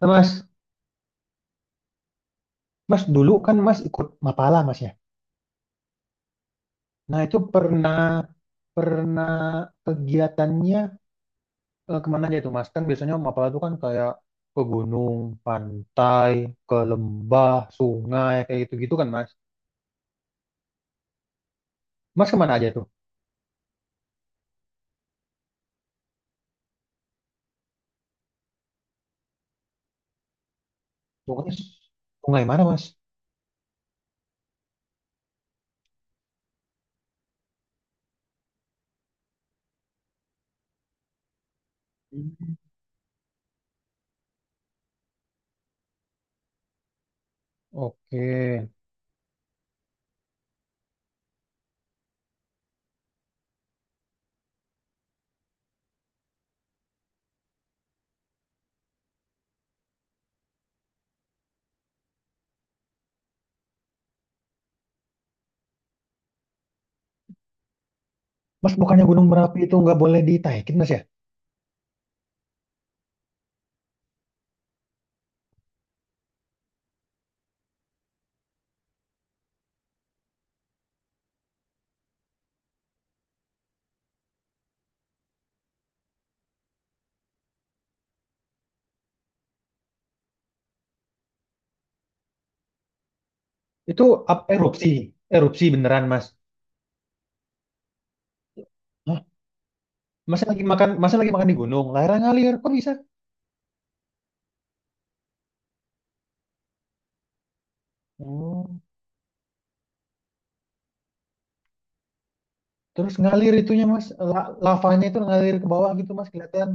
Nah, Mas, Mas dulu kan ikut Mapala Mas ya. Nah itu pernah pernah kegiatannya kemana aja itu Mas? Kan biasanya Mapala itu kan kayak ke gunung, pantai, ke lembah, sungai kayak gitu-gitu kan Mas. Mas kemana aja tuh? Pokoknya sungai mana Mas? Hmm. Oke. Mas bukannya Gunung Merapi itu nggak boleh ditaikin Mas ya? Itu erupsi, erupsi beneran Mas. Hah? Masa lagi makan di gunung, layar ngalir, kok bisa? Oh. Terus ngalir itunya mas, lavanya itu ngalir ke bawah gitu mas kelihatan.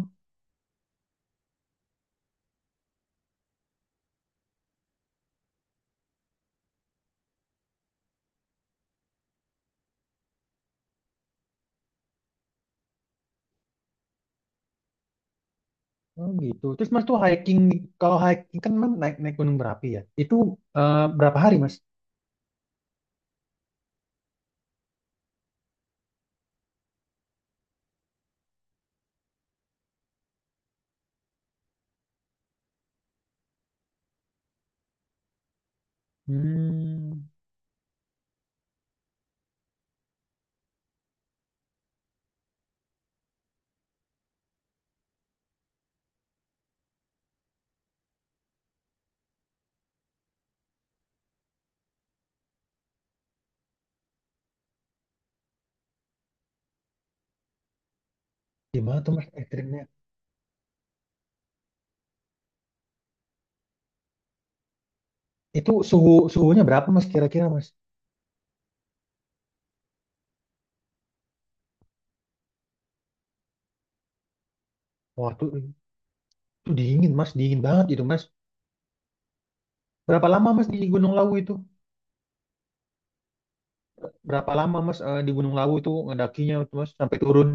Oh gitu. Terus mas tuh hiking, kalau hiking kan mas naik naik gunung berapi ya. Itu berapa hari mas? Hmm. Gimana tuh mas ekstrimnya? Itu suhunya berapa mas kira-kira mas? Wah tuh, itu dingin mas, dingin banget itu mas. Berapa lama mas di Gunung Lawu itu? Berapa lama mas di Gunung Lawu itu ngedakinya itu mas sampai turun?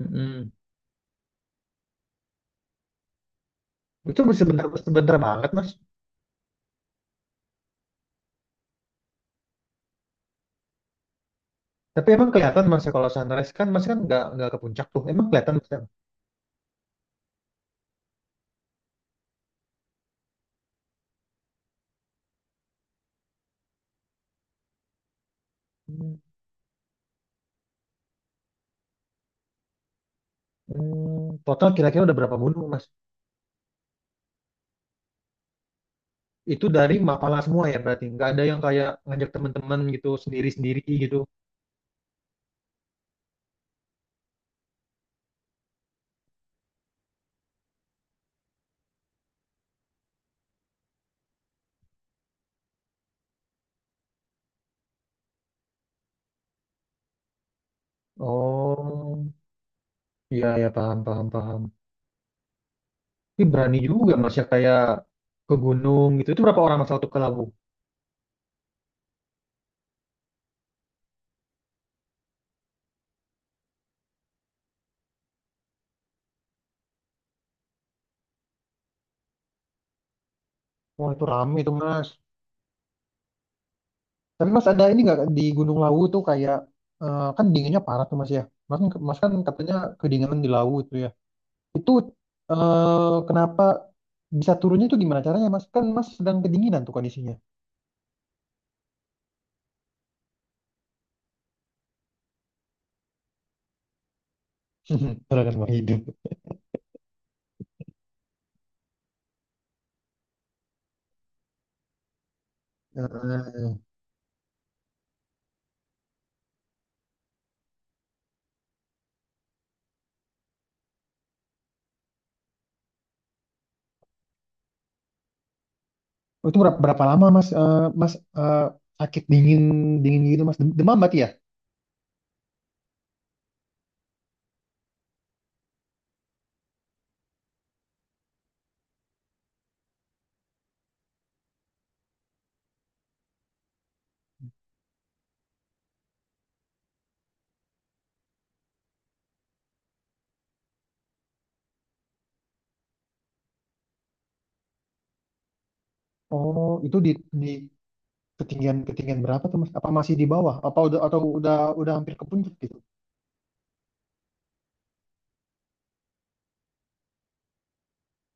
Mm-mm. Itu sebentar sebentar banget mas. Tapi emang kelihatan mas ya, kalau sunrise kan mas kan nggak ke puncak tuh. Emang kelihatan. Hmm, hmm, total kira-kira udah berapa gunung, Mas? Itu dari Mapala semua ya berarti? Nggak ada yang kayak ngajak teman-teman gitu sendiri-sendiri gitu. Oh, iya ya paham paham paham. Tapi berani juga Mas ya kayak ke gunung gitu. Itu berapa orang Mas waktu ke Lawu? Wah itu rame itu Mas. Tapi Mas ada ini nggak di Gunung Lawu tuh kayak kan dinginnya parah tuh Mas ya. Mas, mas kan katanya kedinginan di Lawu itu ya. Itu kenapa bisa turunnya itu gimana caranya Mas? Kan Mas sedang kedinginan tuh kondisinya. Orang mau hidup. Heeh. Oh, itu berapa, berapa lama Mas Eh, Mas eh, sakit dingin dingin gitu Mas demam berarti ya? Oh itu di ketinggian ketinggian berapa tuh Mas? Apa masih di bawah? Apa udah atau udah hampir ke puncak gitu?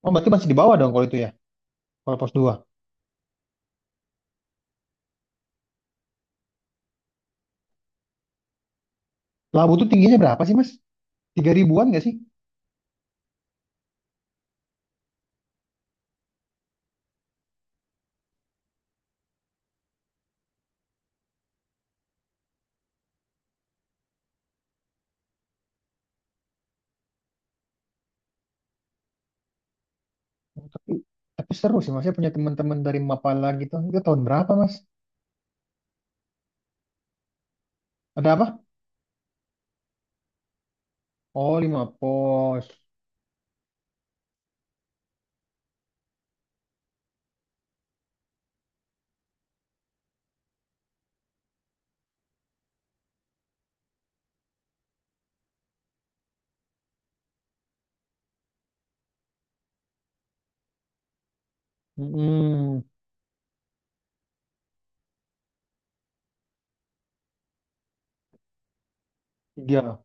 Oh berarti masih di bawah dong kalau itu ya kalau pos dua. Labu tuh tingginya berapa sih Mas? Tiga ribuan nggak sih? Oh, tapi seru sih Mas. Saya punya teman-teman dari Mapala gitu. Itu tahun berapa Mas? Ada apa? Oh lima pos. Mm-mm. Tiga.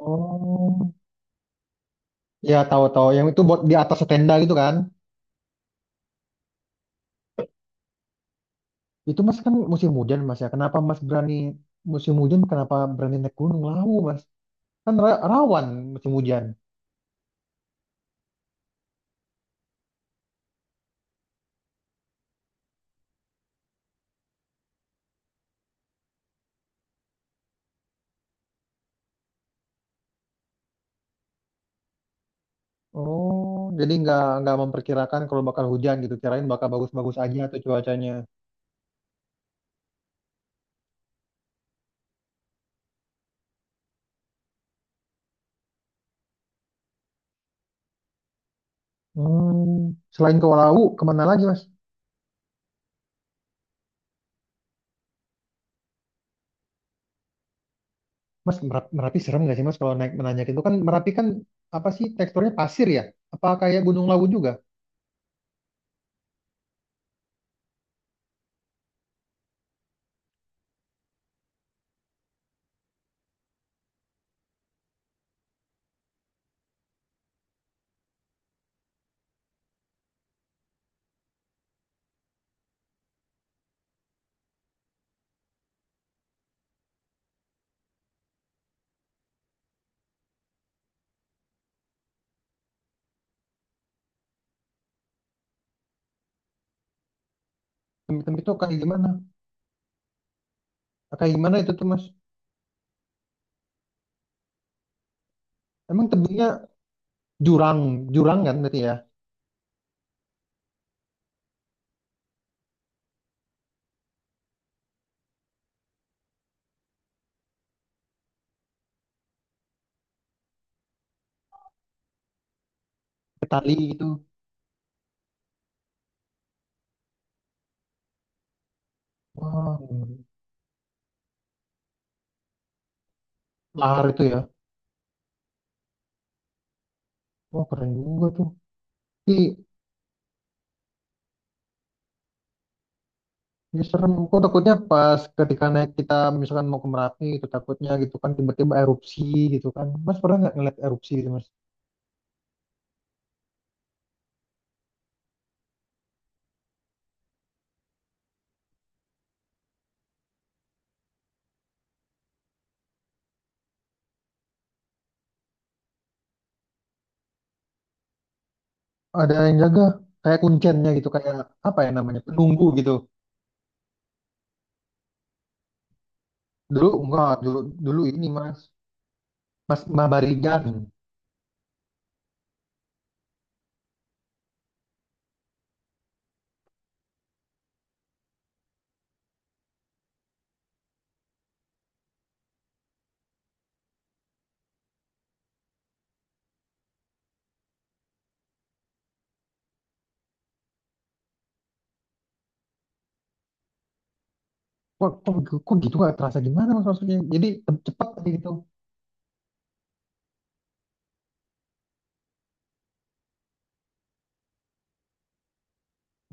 Oh. Ya tahu-tahu yang itu buat di atas tenda gitu kan. Itu mas kan musim hujan mas ya. Kenapa mas berani musim hujan? Kenapa berani naik gunung Lawu mas? Kan rawan musim hujan. Oh, jadi nggak memperkirakan kalau bakal hujan gitu. Kirain bakal bagus-bagus aja tuh cuacanya. Hmm. Selain ke Lawu, kemana lagi mas? Mas Merapi serem nggak sih mas kalau naik menanjak itu kan Merapi kan apa sih teksturnya pasir ya? Apa kayak Gunung Lawu juga? Tapi itu kayak gimana? Kayak gimana itu tuh mas? Emang tebingnya jurang, jurang kan berarti ya? Pakai tali gitu. Wah, lahar itu ya. Wah keren juga tuh. Tapi ya serem kok takutnya pas ketika naik kita misalkan mau ke Merapi gitu takutnya gitu kan tiba-tiba erupsi gitu kan mas pernah nggak ngeliat erupsi gitu mas. Ada yang jaga kayak kuncennya gitu kayak apa ya namanya penunggu gitu. Dulu enggak dulu, dulu ini mas, mas Mabarigan. Kok kok, kok gitu nggak terasa gimana mas maksudnya jadi cepat aja gitu.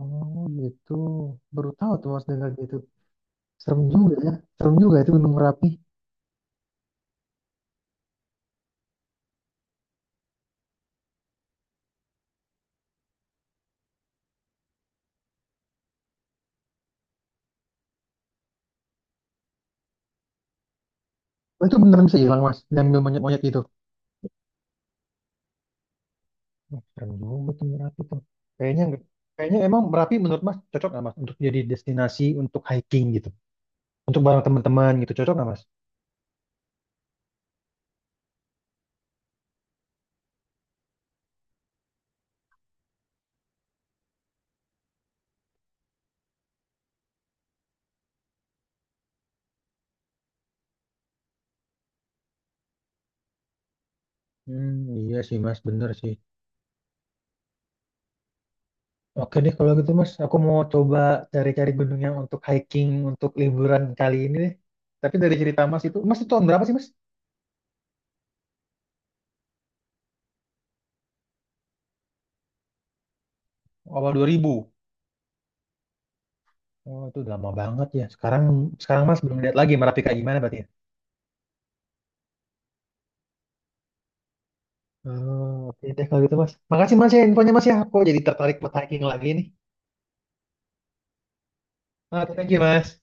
Oh gitu, baru tahu tuh mas dengar gitu. Serem juga ya. Serem juga itu Gunung Merapi. Oh, itu beneran bisa hilang, Mas. Dan ambil monyet-monyet itu. Wah, serem juga tuh Merapi tuh. Kayaknya enggak. Kayaknya emang Merapi menurut Mas cocok nggak Mas untuk jadi destinasi untuk hiking gitu. Untuk bareng teman-teman gitu cocok nggak Mas? Hmm, iya sih Mas, bener sih. Oke deh kalau gitu Mas, aku mau coba cari-cari gunung yang untuk hiking, untuk liburan kali ini deh. Tapi dari cerita Mas itu tahun berapa sih Mas? Awal 2000. Oh, itu udah lama banget ya. Sekarang sekarang Mas belum lihat lagi Merapi kayak gimana berarti ya? Oh, oke deh kalau gitu mas. Makasih mas ya infonya mas ya. Aku jadi tertarik buat hiking lagi nih. Oke, thank you mas.